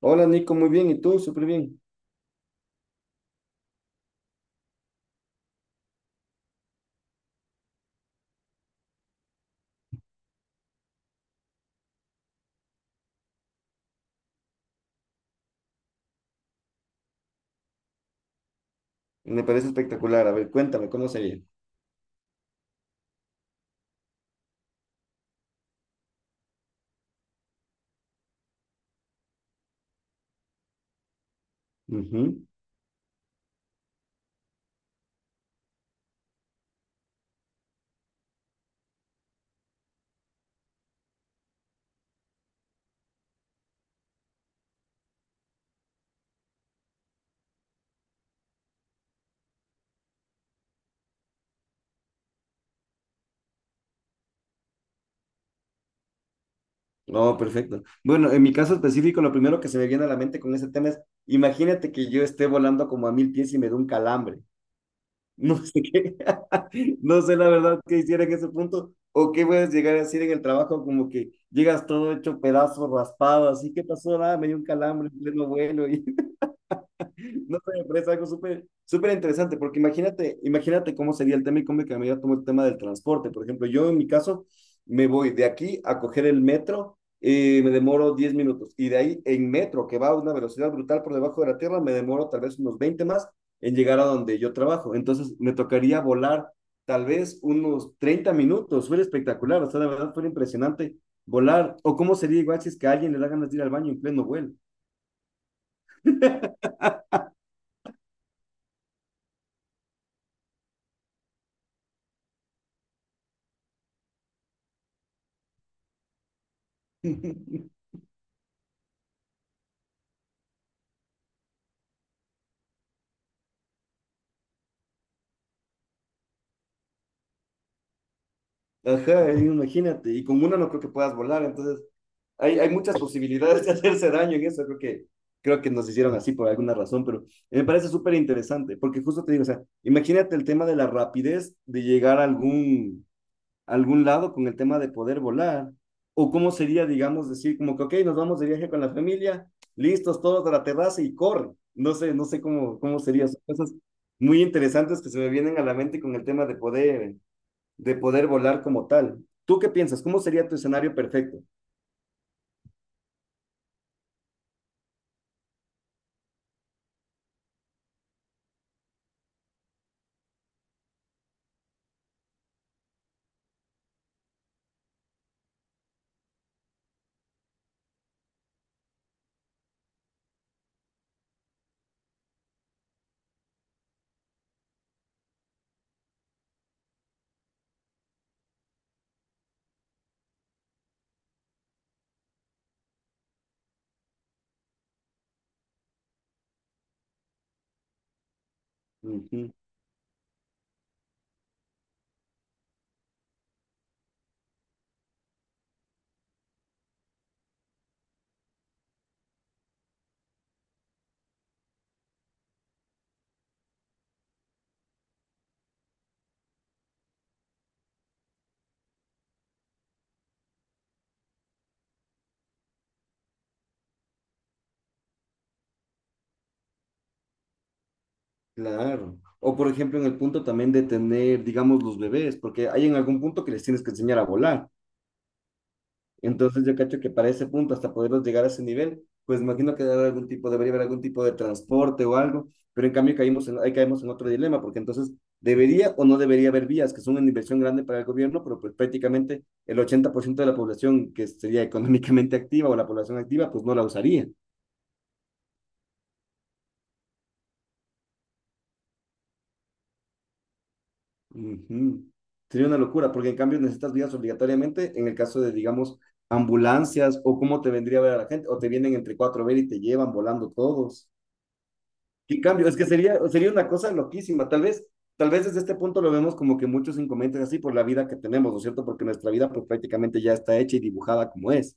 Hola Nico, muy bien. ¿Y tú? Súper bien. Me parece espectacular. A ver, cuéntame, ¿cómo sería? Ujú. Oh, perfecto. Bueno, en mi caso específico, lo primero que se me viene a la mente con ese tema es, imagínate que yo esté volando como a 1000 pies y me dé un calambre. No sé qué, no sé la verdad qué hiciera en ese punto o qué puedes llegar a decir en el trabajo como que llegas todo hecho pedazos, raspado, así, ¿qué pasó? Nada, me dio un calambre en pleno vuelo No sé, me parece algo súper súper interesante, porque imagínate, imagínate cómo sería el tema y cómo me cambiaría todo el tema del transporte. Por ejemplo, yo en mi caso me voy de aquí a coger el metro, me demoro 10 minutos, y de ahí en metro, que va a una velocidad brutal por debajo de la tierra, me demoro tal vez unos 20 más en llegar a donde yo trabajo. Entonces me tocaría volar tal vez unos 30 minutos, fue espectacular, o sea, de verdad fue impresionante volar. O cómo sería igual si es que a alguien le da ganas de ir al baño en pleno vuelo. Ajá, imagínate, y con una no creo que puedas volar, entonces hay muchas posibilidades de hacerse daño en eso, creo que nos hicieron así por alguna razón, pero me parece súper interesante, porque justo te digo, o sea, imagínate el tema de la rapidez de llegar a algún lado con el tema de poder volar, o cómo sería, digamos, decir como que, ok, nos vamos de viaje con la familia, listos todos a la terraza y corre, no sé, no sé cómo, cómo sería, son cosas muy interesantes que se me vienen a la mente con el tema de poder volar como tal. ¿Tú qué piensas? ¿Cómo sería tu escenario perfecto? Ujú, claro. O por ejemplo, en el punto también de tener, digamos, los bebés, porque hay en algún punto que les tienes que enseñar a volar. Entonces yo cacho que para ese punto, hasta poderlos llegar a ese nivel, pues imagino que debe haber algún tipo, debería haber algún tipo de transporte o algo, pero en cambio caímos en, ahí caemos en otro dilema, porque entonces debería o no debería haber vías, que son una inversión grande para el gobierno, pero pues prácticamente el 80% de la población que sería económicamente activa o la población activa, pues no la usaría. Ujú. Sería una locura, porque en cambio necesitas vías obligatoriamente en el caso de, digamos, ambulancias o cómo te vendría a ver a la gente, o te vienen entre cuatro a ver y te llevan volando todos. En cambio, es que sería, sería una cosa loquísima. Tal vez desde este punto lo vemos como que muchos inconvenientes así por la vida que tenemos, ¿no es cierto? Porque nuestra vida pues prácticamente ya está hecha y dibujada como es.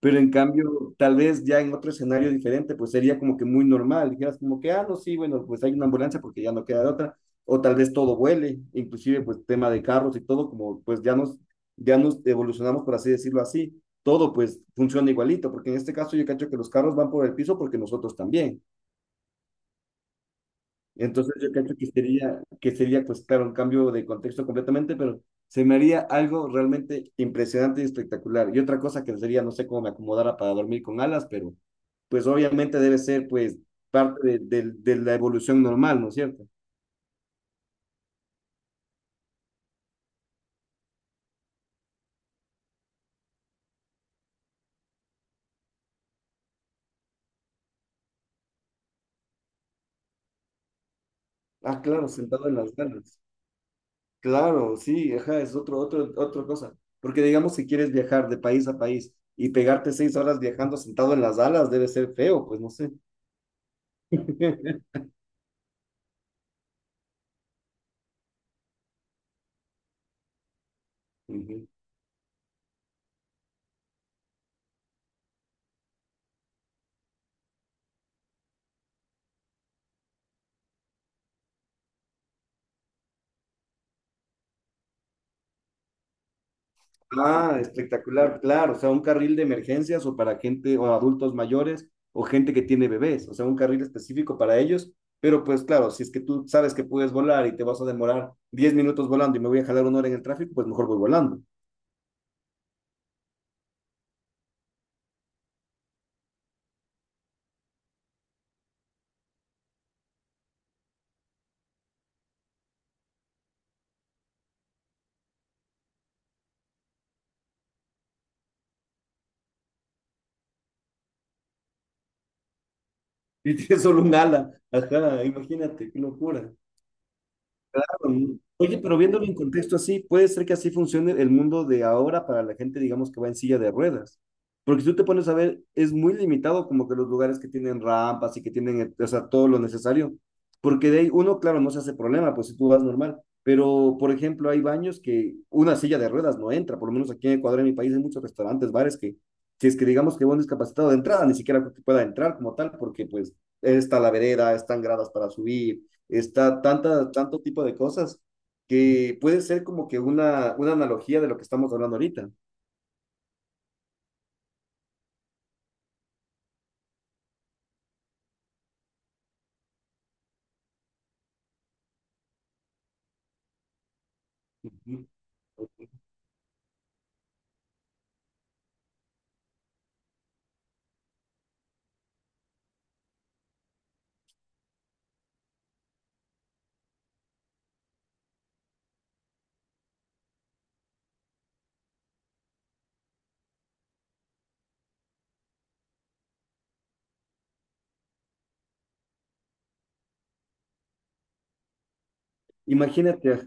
Pero en cambio, tal vez ya en otro escenario diferente, pues sería como que muy normal. Dijeras como que, ah, no, sí, bueno, pues hay una ambulancia porque ya no queda de otra. O tal vez todo vuele, inclusive pues tema de carros y todo, como pues ya nos evolucionamos, por así decirlo así. Todo pues funciona igualito, porque en este caso yo cacho que los carros van por el piso porque nosotros también. Entonces yo creo que sería, pues claro, un cambio de contexto completamente, pero se me haría algo realmente impresionante y espectacular. Y otra cosa que sería, no sé cómo me acomodara para dormir con alas, pero pues obviamente debe ser pues parte de, de la evolución normal, ¿no es cierto? Ah, claro, sentado en las ganas. Claro, sí, ajá, es otro, otro, otra cosa. Porque digamos si quieres viajar de país a país y pegarte 6 horas viajando sentado en las alas debe ser feo, pues no sé. Ujú. Ah, espectacular, claro, o sea, un carril de emergencias o para gente o adultos mayores o gente que tiene bebés, o sea, un carril específico para ellos, pero pues claro, si es que tú sabes que puedes volar y te vas a demorar 10 minutos volando y me voy a jalar una hora en el tráfico, pues mejor voy volando. Y tienes solo un ala, ajá, imagínate, qué locura. Claro. Oye, pero viéndolo en contexto así, puede ser que así funcione el mundo de ahora para la gente, digamos, que va en silla de ruedas. Porque si tú te pones a ver, es muy limitado como que los lugares que tienen rampas y que tienen, o sea, todo lo necesario. Porque de ahí uno, claro, no se hace problema, pues si tú vas normal. Pero, por ejemplo, hay baños que una silla de ruedas no entra. Por lo menos aquí en Ecuador, en mi país, hay muchos restaurantes, bares que, si es que digamos que va un discapacitado de entrada, ni siquiera creo que pueda entrar como tal, porque pues está la vereda, están gradas para subir está tanta, tanto tipo de cosas que puede ser como que una analogía de lo que estamos hablando ahorita. Ujú. Imagínate, ajá,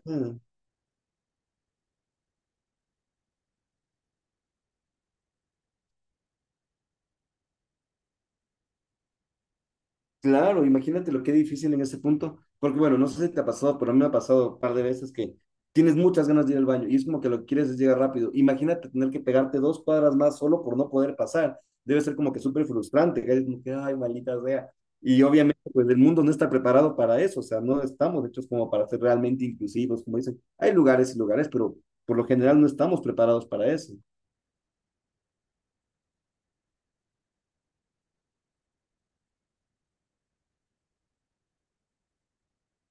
claro, imagínate lo que difícil en ese punto, porque bueno, no sé si te ha pasado, pero a mí me ha pasado un par de veces que tienes muchas ganas de ir al baño y es como que lo que quieres es llegar rápido. Imagínate tener que pegarte 2 cuadras más solo por no poder pasar. Debe ser como que súper frustrante, que es como que, ay, maldita sea. Y obviamente, pues el mundo no está preparado para eso, o sea, no estamos hechos como para ser realmente inclusivos, como dicen. Hay lugares y lugares, pero por lo general no estamos preparados para eso.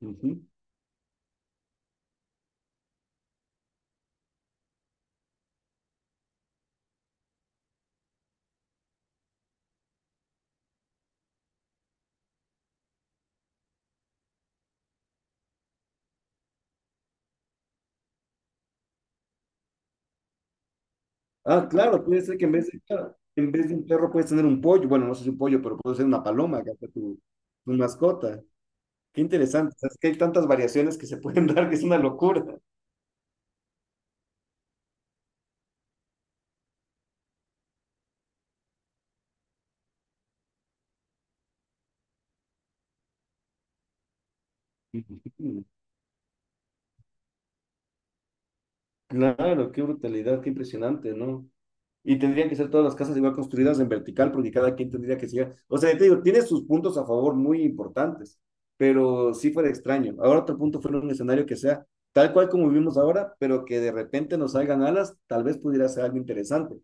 Ujú. Ah, claro, puede ser que en vez de, claro, en vez de un perro puedes tener un pollo. Bueno, no sé si un pollo, pero puede ser una paloma, que hace tu, tu mascota. Qué interesante. O sea, es que hay tantas variaciones que se pueden dar que es una locura. Claro, qué brutalidad, qué impresionante, ¿no? Y tendrían que ser todas las casas igual construidas en vertical porque cada quien tendría que ser. O sea, te digo, tiene sus puntos a favor muy importantes, pero sí fuera extraño. Ahora otro punto fuera un escenario que sea tal cual como vivimos ahora, pero que de repente nos salgan alas, tal vez pudiera ser algo interesante.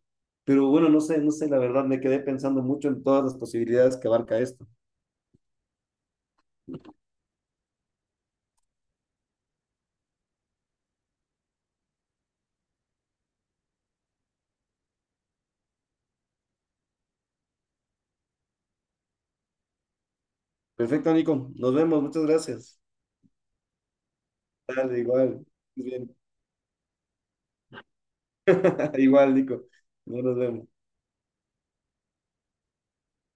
Pero bueno, no sé, no sé, la verdad me quedé pensando mucho en todas las posibilidades que abarca esto. Perfecto, Nico. Nos vemos, muchas gracias. Dale, igual. Bien. Igual, Nico. No nos vemos.